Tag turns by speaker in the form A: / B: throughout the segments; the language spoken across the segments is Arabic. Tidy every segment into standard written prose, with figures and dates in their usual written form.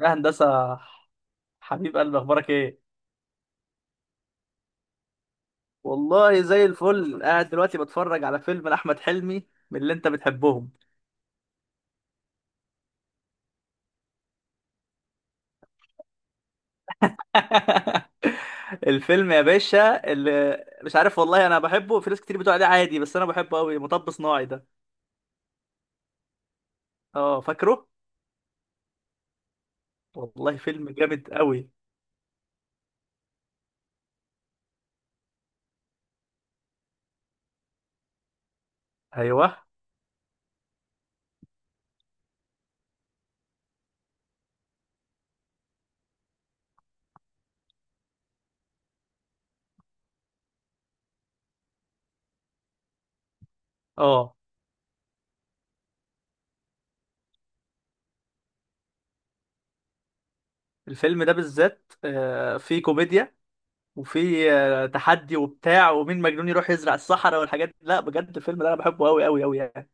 A: يا هندسة، حبيب قلبي، أخبارك إيه؟ والله زي الفل، قاعد دلوقتي بتفرج على فيلم لأحمد حلمي من اللي انت بتحبهم. الفيلم يا باشا اللي مش عارف، والله أنا بحبه. في ناس كتير بتقول عليه عادي، بس أنا بحبه أوي. مطب صناعي ده، أه فاكره؟ والله فيلم جامد أوي. أيوه. أه، الفيلم ده بالذات فيه كوميديا، وفيه تحدي وبتاع، ومين مجنون يروح يزرع الصحراء والحاجات دي. لا بجد، الفيلم ده أنا بحبه أوي أوي أوي يعني.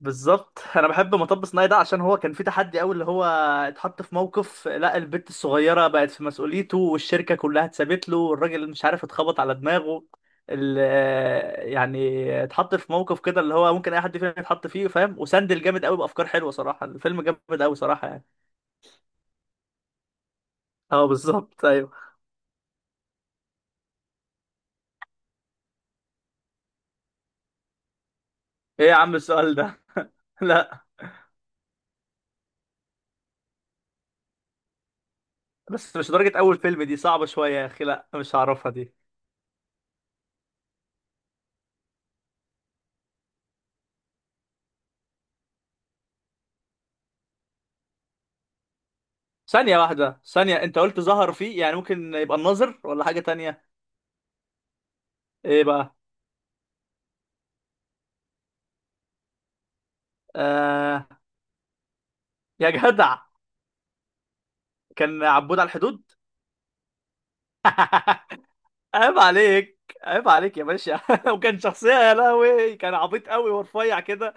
A: بالظبط. انا بحب مطب صناعي ده عشان هو كان في تحدي قوي، اللي هو اتحط في موقف. لا، البت الصغيره بقت في مسؤوليته، والشركه كلها اتسابت له، والراجل مش عارف اتخبط على دماغه. يعني اتحط في موقف كده اللي هو ممكن اي حد فينا يتحط فيه، فاهم؟ وسندل جامد قوي بافكار حلوه صراحه. الفيلم جامد قوي صراحه يعني. اه بالظبط، ايوه. ايه يا عم السؤال ده؟ لا، بس مش درجه اول فيلم دي صعبه شويه يا اخي. لا مش هعرفها دي. ثانيه واحده، ثانيه، انت قلت ظهر فيه، يعني ممكن يبقى الناظر ولا حاجه تانية؟ ايه بقى؟ آه، يا جدع، كان عبود على الحدود. عيب عليك، عيب عليك يا باشا. وكان شخصية، يا لهوي، كان عبيط قوي ورفيع كده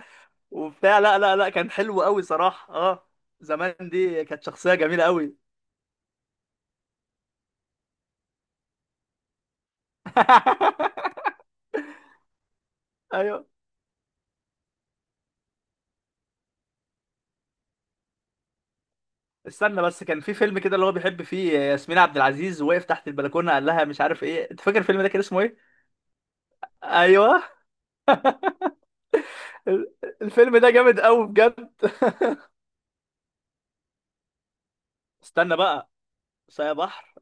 A: وبتاع. لا لا لا، كان حلو قوي صراحة، اه. زمان دي كانت شخصية جميلة قوي. ايوه، استنى بس. كان في فيلم كده اللي هو بيحب فيه ياسمين عبد العزيز، وقف تحت البلكونة قال لها مش عارف ايه. انت فاكر الفيلم ده كان اسمه ايه؟ ايوه. ال- الفيلم ده جامد قوي بجد. استنى بقى. صايع بحر.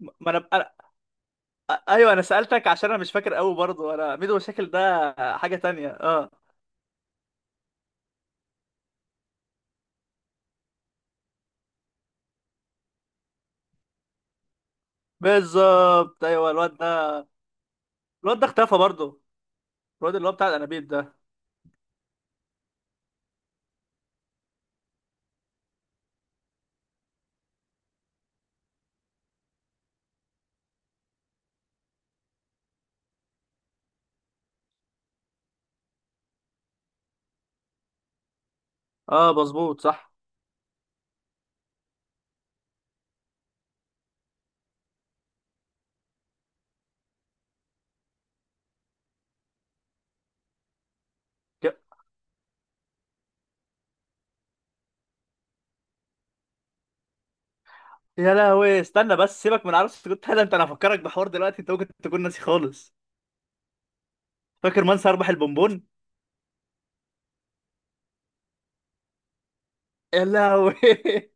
A: ما انا، ايوه، انا سالتك عشان انا مش فاكر قوي برضه. انا ميدو مشاكل ده حاجه تانية، اه. بالظبط، ايوه الواد ده. الواد ده اختفى برضه. الواد اللي هو بتاع الانابيب ده. اه مظبوط صح. ك- يا لهوي، استنى بس، سيبك من عروسة كنت هذا. انت انا هفكرك بحوار دلوقتي، انت ممكن تكون ناسي خالص. فاكر من سيربح البونبون؟ يا لهوي.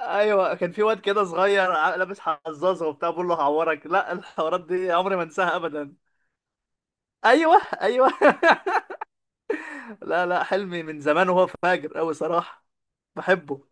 A: ايوه، كان في واد كده صغير لابس حزازه وبتاع، بقول له هعورك. لا، الحوارات دي عمري ما انساها ابدا. ايوه ايوه. لا لا، حلمي من زمان وهو فاجر قوي صراحة. بحبه.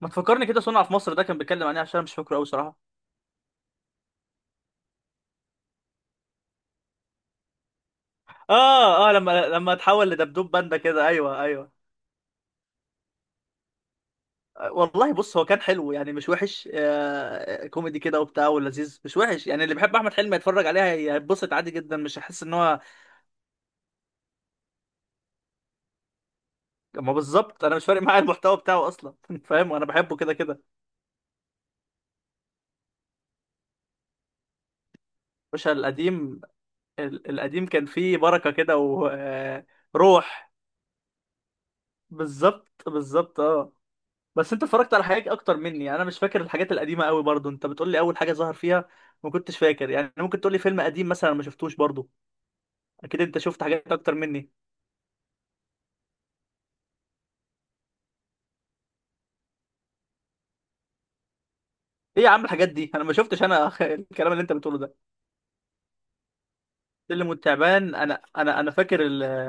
A: ما تفكرني كده، صنع في مصر ده كان بيتكلم عن ايه؟ عشان أنا مش فاكره قوي صراحه. اه اه، لما اتحول لدبدوب باندا كده، ايوه ايوه. والله بص، هو كان حلو يعني، مش وحش. كوميدي كده وبتاع ولذيذ، مش وحش يعني. اللي بيحب احمد حلمي يتفرج عليها هيتبسط عادي جدا، مش هيحس ان هو... ما بالظبط، انا مش فارق معايا المحتوى بتاعه اصلا. فاهم؟ وانا بحبه كده كده. باشا القديم. القديم كان فيه بركه كده وروح. بالظبط بالظبط، اه. بس انت اتفرجت على حاجات اكتر مني، يعني انا مش فاكر الحاجات القديمه قوي برضو. انت بتقول لي اول حاجه ظهر فيها ما كنتش فاكر، يعني ممكن تقول لي فيلم قديم مثلا أنا ما شفتوش برضو؟ اكيد انت شفت حاجات اكتر مني. ايه يا عم الحاجات دي؟ انا ما شفتش انا. الكلام اللي انت بتقوله ده... سلم والتعبان، انا فاكر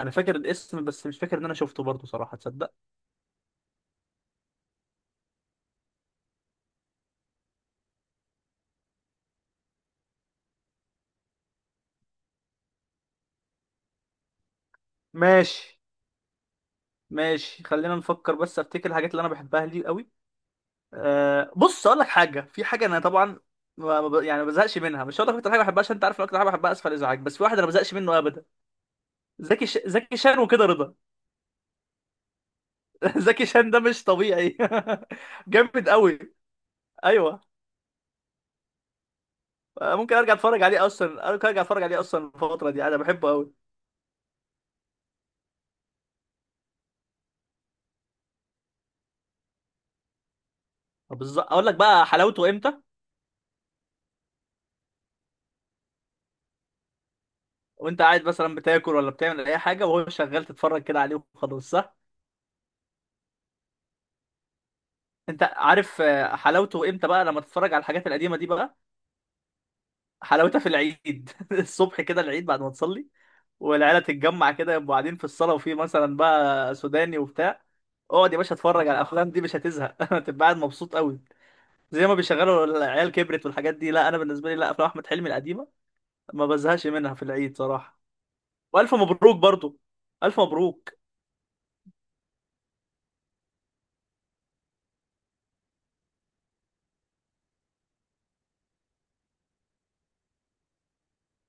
A: انا فاكر الاسم، بس مش فاكر ان انا شفته برضو صراحه، تصدق؟ ماشي، ماشي، خلينا نفكر بس، افتكر الحاجات اللي انا بحبها لي قوي. أه بص اقول لك حاجه، في حاجه انا طبعا ما- ما ب- يعني ما بزهقش منها. مش هقول لك اكتر حاجه بحبها عشان انت عارف إن اكتر حاجه بحبها اسفل ازعاج، بس في واحد انا ما بزهقش منه ابدا. زكي شان، وكده رضا. زكي شان ده مش طبيعي. جامد قوي. ايوه. ممكن ارجع اتفرج عليه اصلا، ممكن ارجع اتفرج عليه اصلا الفتره دي، انا بحبه قوي. طب بالظبط اقول لك بقى حلاوته امتى، وانت قاعد مثلا بتاكل ولا بتعمل اي حاجه وهو شغال، تتفرج كده عليه وخلاص، صح؟ انت عارف حلاوته امتى بقى؟ لما تتفرج على الحاجات القديمه دي بقى، حلاوتها في العيد. الصبح كده، العيد بعد ما تصلي والعيله تتجمع كده، يبقوا قاعدين في الصاله، وفي مثلا بقى سوداني وبتاع. اقعد يا باشا اتفرج على الافلام دي مش هتزهق. هتبقى قاعد مبسوط قوي. زي ما بيشغلوا العيال كبرت والحاجات دي. لا انا بالنسبه لي، لا، افلام احمد حلمي القديمه ما بزهقش منها في العيد صراحه. والف مبروك برضو، الف مبروك.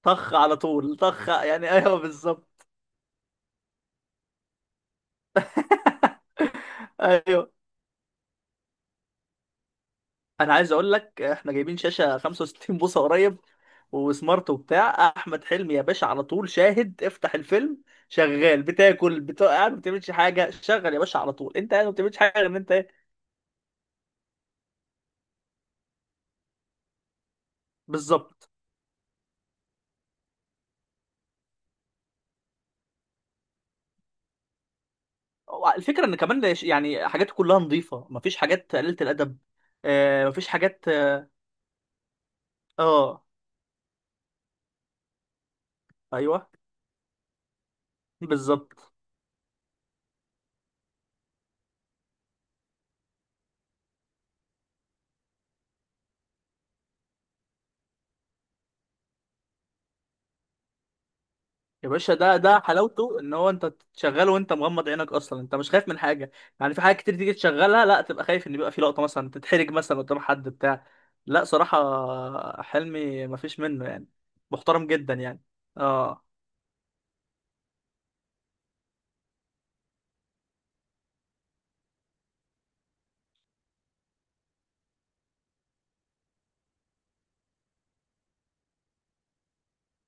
A: طخ على طول، طخ يعني، ايوه بالظبط. ايوه، انا عايز اقول لك، احنا جايبين شاشه 65 بوصه قريب، وسمارت وبتاع. احمد حلمي يا باشا على طول شاهد، افتح الفيلم شغال، بتاكل بتاع قاعد ما بتعملش حاجه. شغل يا باشا على طول، انت قاعد ما بتعملش حاجه غير ان انت ايه. بالظبط. هو الفكره ان كمان، يعني حاجاته كلها نظيفه، مفيش حاجات قليله الادب. آه مفيش حاجات، اه، آه، ايوه بالظبط. يا باشا، ده حلاوته ان هو انت تشغله وانت مغمض عينك اصلا، انت مش خايف من حاجه. يعني في حاجات كتير تيجي تشغلها لا تبقى خايف ان يبقى في لقطه مثلا تتحرج مثلا قدام حد بتاع. لا صراحه، حلمي مفيش منه يعني، محترم جدا يعني. اه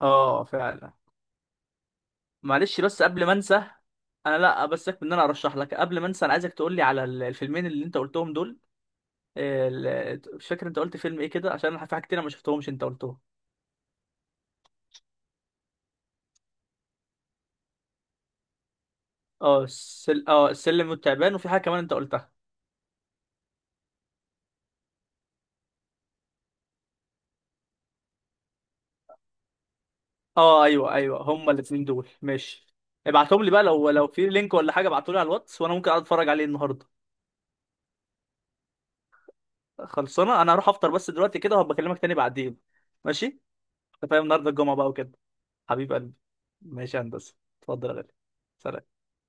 A: اه فعلا. معلش بس قبل ما انسى. انا لا بسك ان انا ارشح لك، قبل ما انسى انا عايزك تقول لي على الفيلمين اللي انت قلتهم دول. مش فاكر انت قلت فيلم ايه كده، عشان أنا في حاجه كتير انا ما شفتهمش انت قلتهم. اه، اه، السلم والتعبان، وفي حاجه كمان انت قلتها. اه ايوه ايوه، هما الاثنين دول ماشي. ابعتهم لي بقى لو في لينك ولا حاجه، ابعته لي على الواتس، وانا ممكن اقعد اتفرج عليه النهارده. خلصانه. انا هروح افطر بس دلوقتي كده، وهبقى اكلمك تاني بعدين. ماشي. انت فاهم النهارده الجمعه بقى وكده. حبيب قلبي. ماشي يا هندسه. اتفضل يا غالي. سلام.